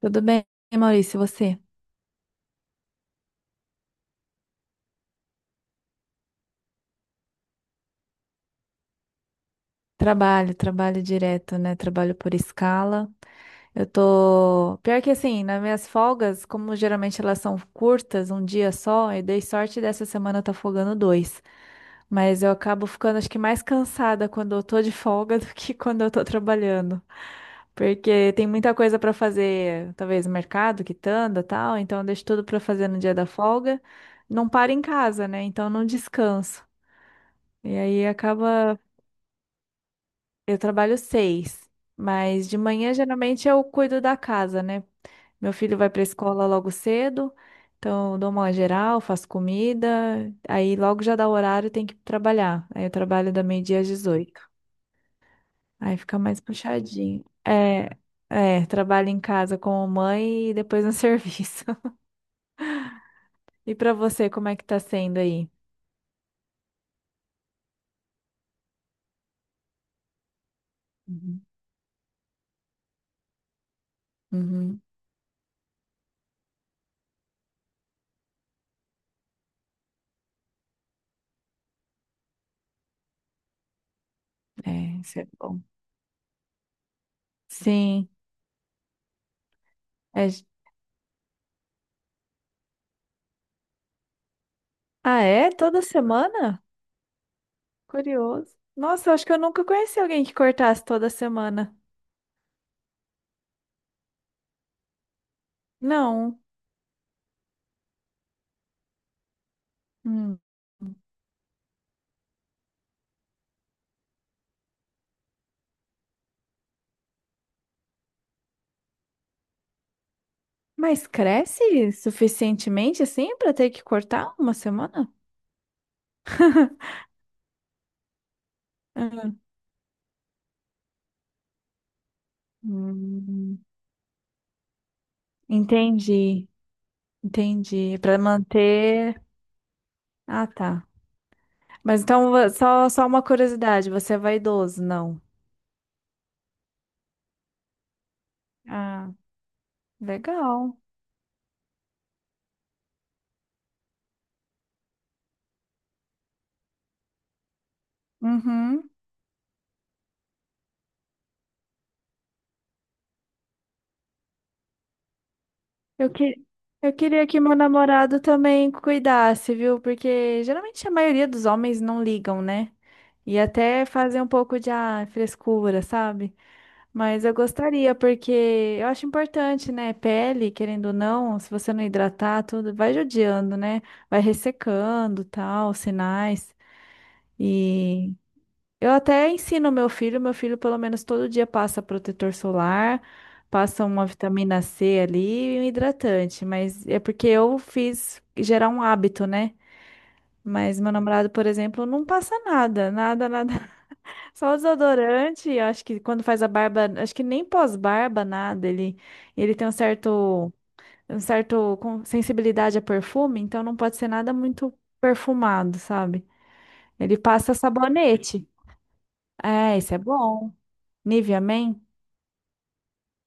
Tudo bem, Maurício, e você? Trabalho, trabalho direto, né? Trabalho por escala. Eu tô. Pior que assim, nas minhas folgas, como geralmente elas são curtas, um dia só, eu dei sorte dessa semana eu tá folgando dois. Mas eu acabo ficando, acho que, mais cansada quando eu tô de folga do que quando eu tô trabalhando. Porque tem muita coisa pra fazer, talvez mercado, quitanda, tal, então eu deixo tudo pra fazer no dia da folga. Não paro em casa, né? Então não descanso. E aí acaba. Eu trabalho seis, mas de manhã geralmente eu cuido da casa, né? Meu filho vai para a escola logo cedo, então eu dou uma geral, faço comida, aí logo já dá o horário tem que trabalhar. Aí eu trabalho da meio-dia às 18h. Aí fica mais puxadinho. É, é, trabalho em casa como mãe e depois no serviço. E para você, como é que tá sendo aí? Uhum. Uhum. É, isso é bom. Sim. É... Ah, é? Toda semana? Curioso. Nossa, eu acho que eu nunca conheci alguém que cortasse toda semana. Não. Hum. Mas cresce suficientemente assim pra ter que cortar uma semana? Hum, entendi, entendi. Pra manter. Ah, tá. Mas então, só, uma curiosidade: você é vaidoso? Não. Ah, legal. Uhum. Eu, que... eu queria que meu namorado também cuidasse, viu? Porque geralmente a maioria dos homens não ligam, né? E até fazer um pouco de frescura, sabe? Mas eu gostaria, porque eu acho importante, né? Pele, querendo ou não, se você não hidratar, tudo vai judiando, né? Vai ressecando, tal, sinais. E eu até ensino meu filho pelo menos todo dia passa protetor solar, passa uma vitamina C ali e um hidratante. Mas é porque eu fiz gerar um hábito, né? Mas meu namorado, por exemplo, não passa nada, nada, nada, só o desodorante, eu acho que quando faz a barba, acho que nem pós-barba, nada, ele, ele tem um certo sensibilidade a perfume, então não pode ser nada muito perfumado, sabe? Ele passa sabonete. É, isso é bom. Nivea Man?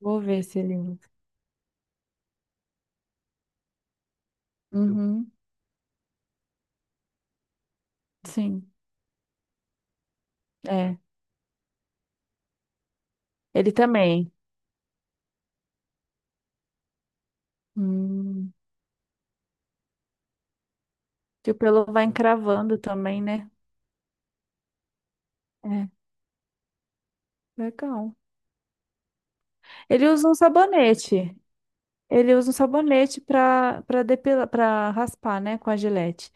Vou ver se ele usa. Uhum, sim, é. Ele também. Hum, que o pelo vai encravando também, né? É, legal. Ele usa um sabonete. Ele usa um sabonete para depilar, para raspar, né, com a gilete.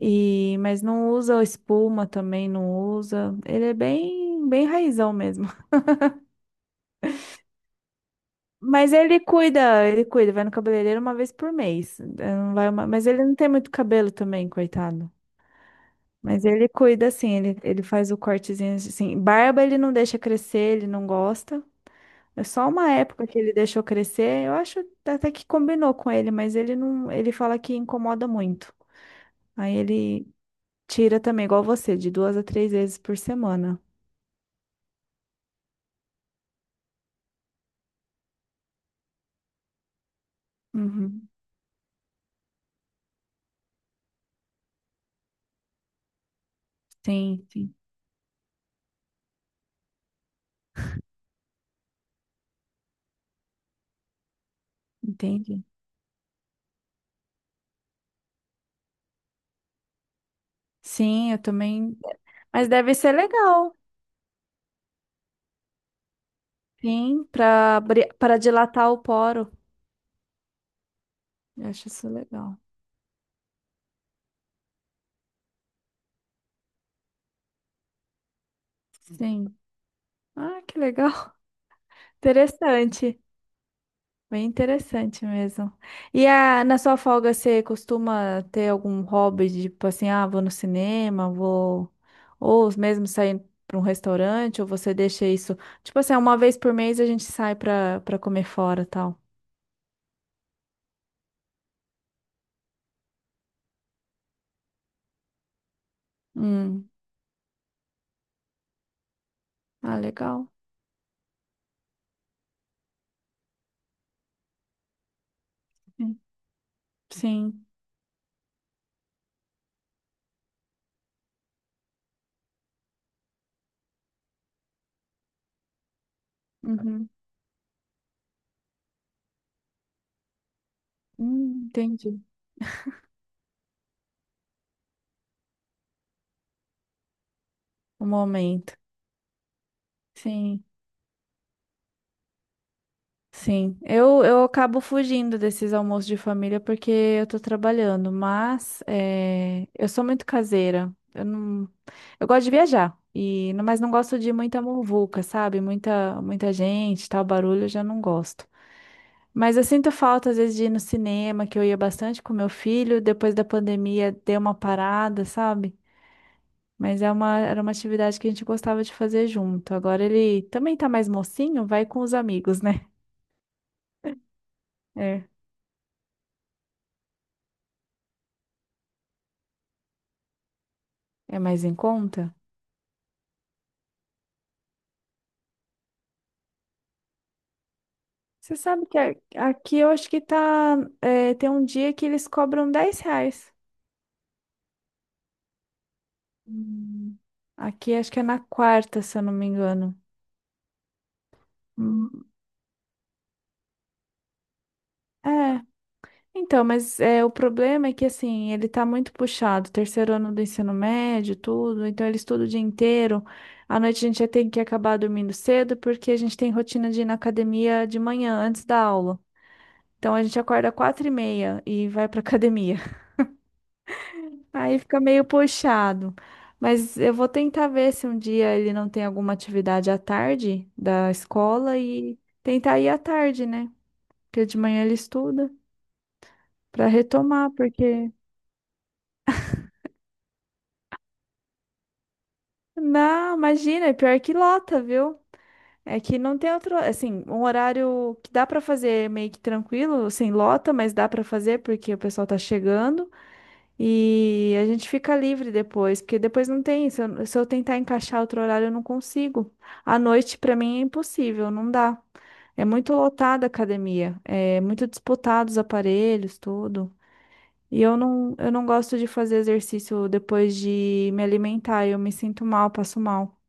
E mas não usa espuma também, não usa. Ele é bem bem raizão mesmo. Mas ele cuida, vai no cabeleireiro uma vez por mês. Não vai uma... Mas ele não tem muito cabelo também, coitado. Mas ele cuida assim, ele faz o cortezinho assim. Barba ele não deixa crescer, ele não gosta. É só uma época que ele deixou crescer. Eu acho até que combinou com ele, mas ele não, ele fala que incomoda muito. Aí ele tira também, igual você, de duas a três vezes por semana. Uhum. Sim, sim, entendi. Sim, eu também. Mas deve ser legal, sim, para dilatar o poro. Eu acho isso legal. Sim. Ah, que legal. Interessante. Bem interessante mesmo. Na sua folga você costuma ter algum hobby, de, tipo assim, ah, vou no cinema, vou. Ou mesmo sair para um restaurante, ou você deixa isso. Tipo assim, uma vez por mês a gente sai para comer fora e tal. Hum. Ah, legal. Sim. Sim. Uhum. Entendi. O momento. Sim. Sim, eu acabo fugindo desses almoços de família porque eu tô trabalhando, mas eu sou muito caseira. Eu não, eu gosto de viajar e mas não gosto de muita muvuca, sabe? Muita muita gente, tal barulho, eu já não gosto. Mas eu sinto falta às vezes de ir no cinema, que eu ia bastante com meu filho, depois da pandemia deu uma parada, sabe? Mas era uma atividade que a gente gostava de fazer junto. Agora ele também tá mais mocinho, vai com os amigos, né? É, é mais em conta. Você sabe que aqui eu acho que tá. É, tem um dia que eles cobram R$ 10. Hum, Aqui acho que é na quarta, se eu não me engano. Hum. É. Então, mas é, o problema é que assim, ele tá muito puxado, terceiro ano do ensino médio, tudo, então ele estuda o dia inteiro. À noite a gente já tem que acabar dormindo cedo, porque a gente tem rotina de ir na academia de manhã, antes da aula. Então a gente acorda 4h30 e vai pra academia. Aí fica meio puxado. Mas eu vou tentar ver se um dia ele não tem alguma atividade à tarde da escola e tentar ir à tarde, né? Porque de manhã ele estuda para retomar, porque não, imagina, é pior que lota, viu? É que não tem outro, assim, um horário que dá para fazer meio que tranquilo, sem lota, mas dá para fazer porque o pessoal tá chegando. E a gente fica livre depois, porque depois não tem. Se eu tentar encaixar outro horário, eu não consigo. À noite, para mim, é impossível, não dá. É muito lotada a academia, é muito disputado os aparelhos, tudo. E eu não gosto de fazer exercício depois de me alimentar, eu me sinto mal, passo mal.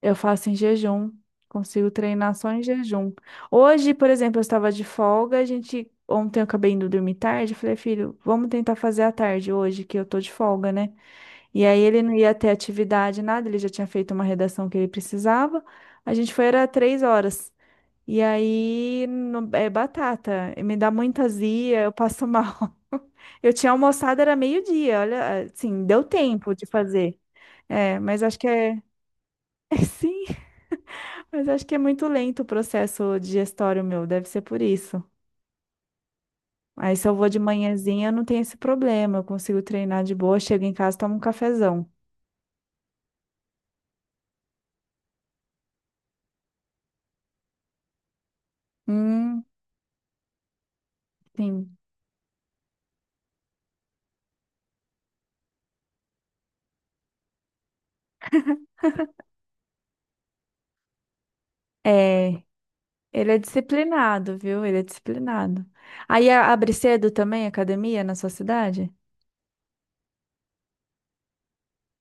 Eu faço em jejum, consigo treinar só em jejum. Hoje, por exemplo, eu estava de folga, a gente ontem eu acabei indo dormir tarde, eu falei, filho, vamos tentar fazer à tarde hoje, que eu tô de folga, né? E aí ele não ia ter atividade, nada, ele já tinha feito uma redação que ele precisava. A gente foi, era 3 horas. E aí é batata, me dá muita azia, eu passo mal. Eu tinha almoçado, era meio-dia, olha, assim, deu tempo de fazer. É, mas acho que é. É sim. Mas acho que é muito lento o processo digestório meu, deve ser por isso. Aí se eu vou de manhãzinha, eu não tenho esse problema, eu consigo treinar de boa, chego em casa, tomo um cafezão. Hum, sim. É, ele é disciplinado, viu? Ele é disciplinado. Aí abre cedo também, a academia, na sua cidade?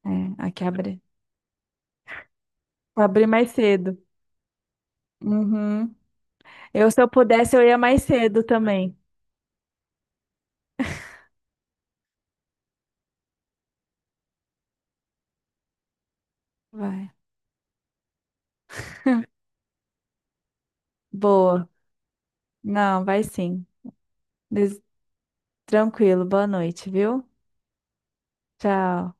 É, aqui abre. Abre mais cedo. Uhum. Eu, se eu pudesse, eu ia mais cedo também. Vai. Boa. Não, vai sim. Des- Tranquilo, boa noite, viu? Tchau.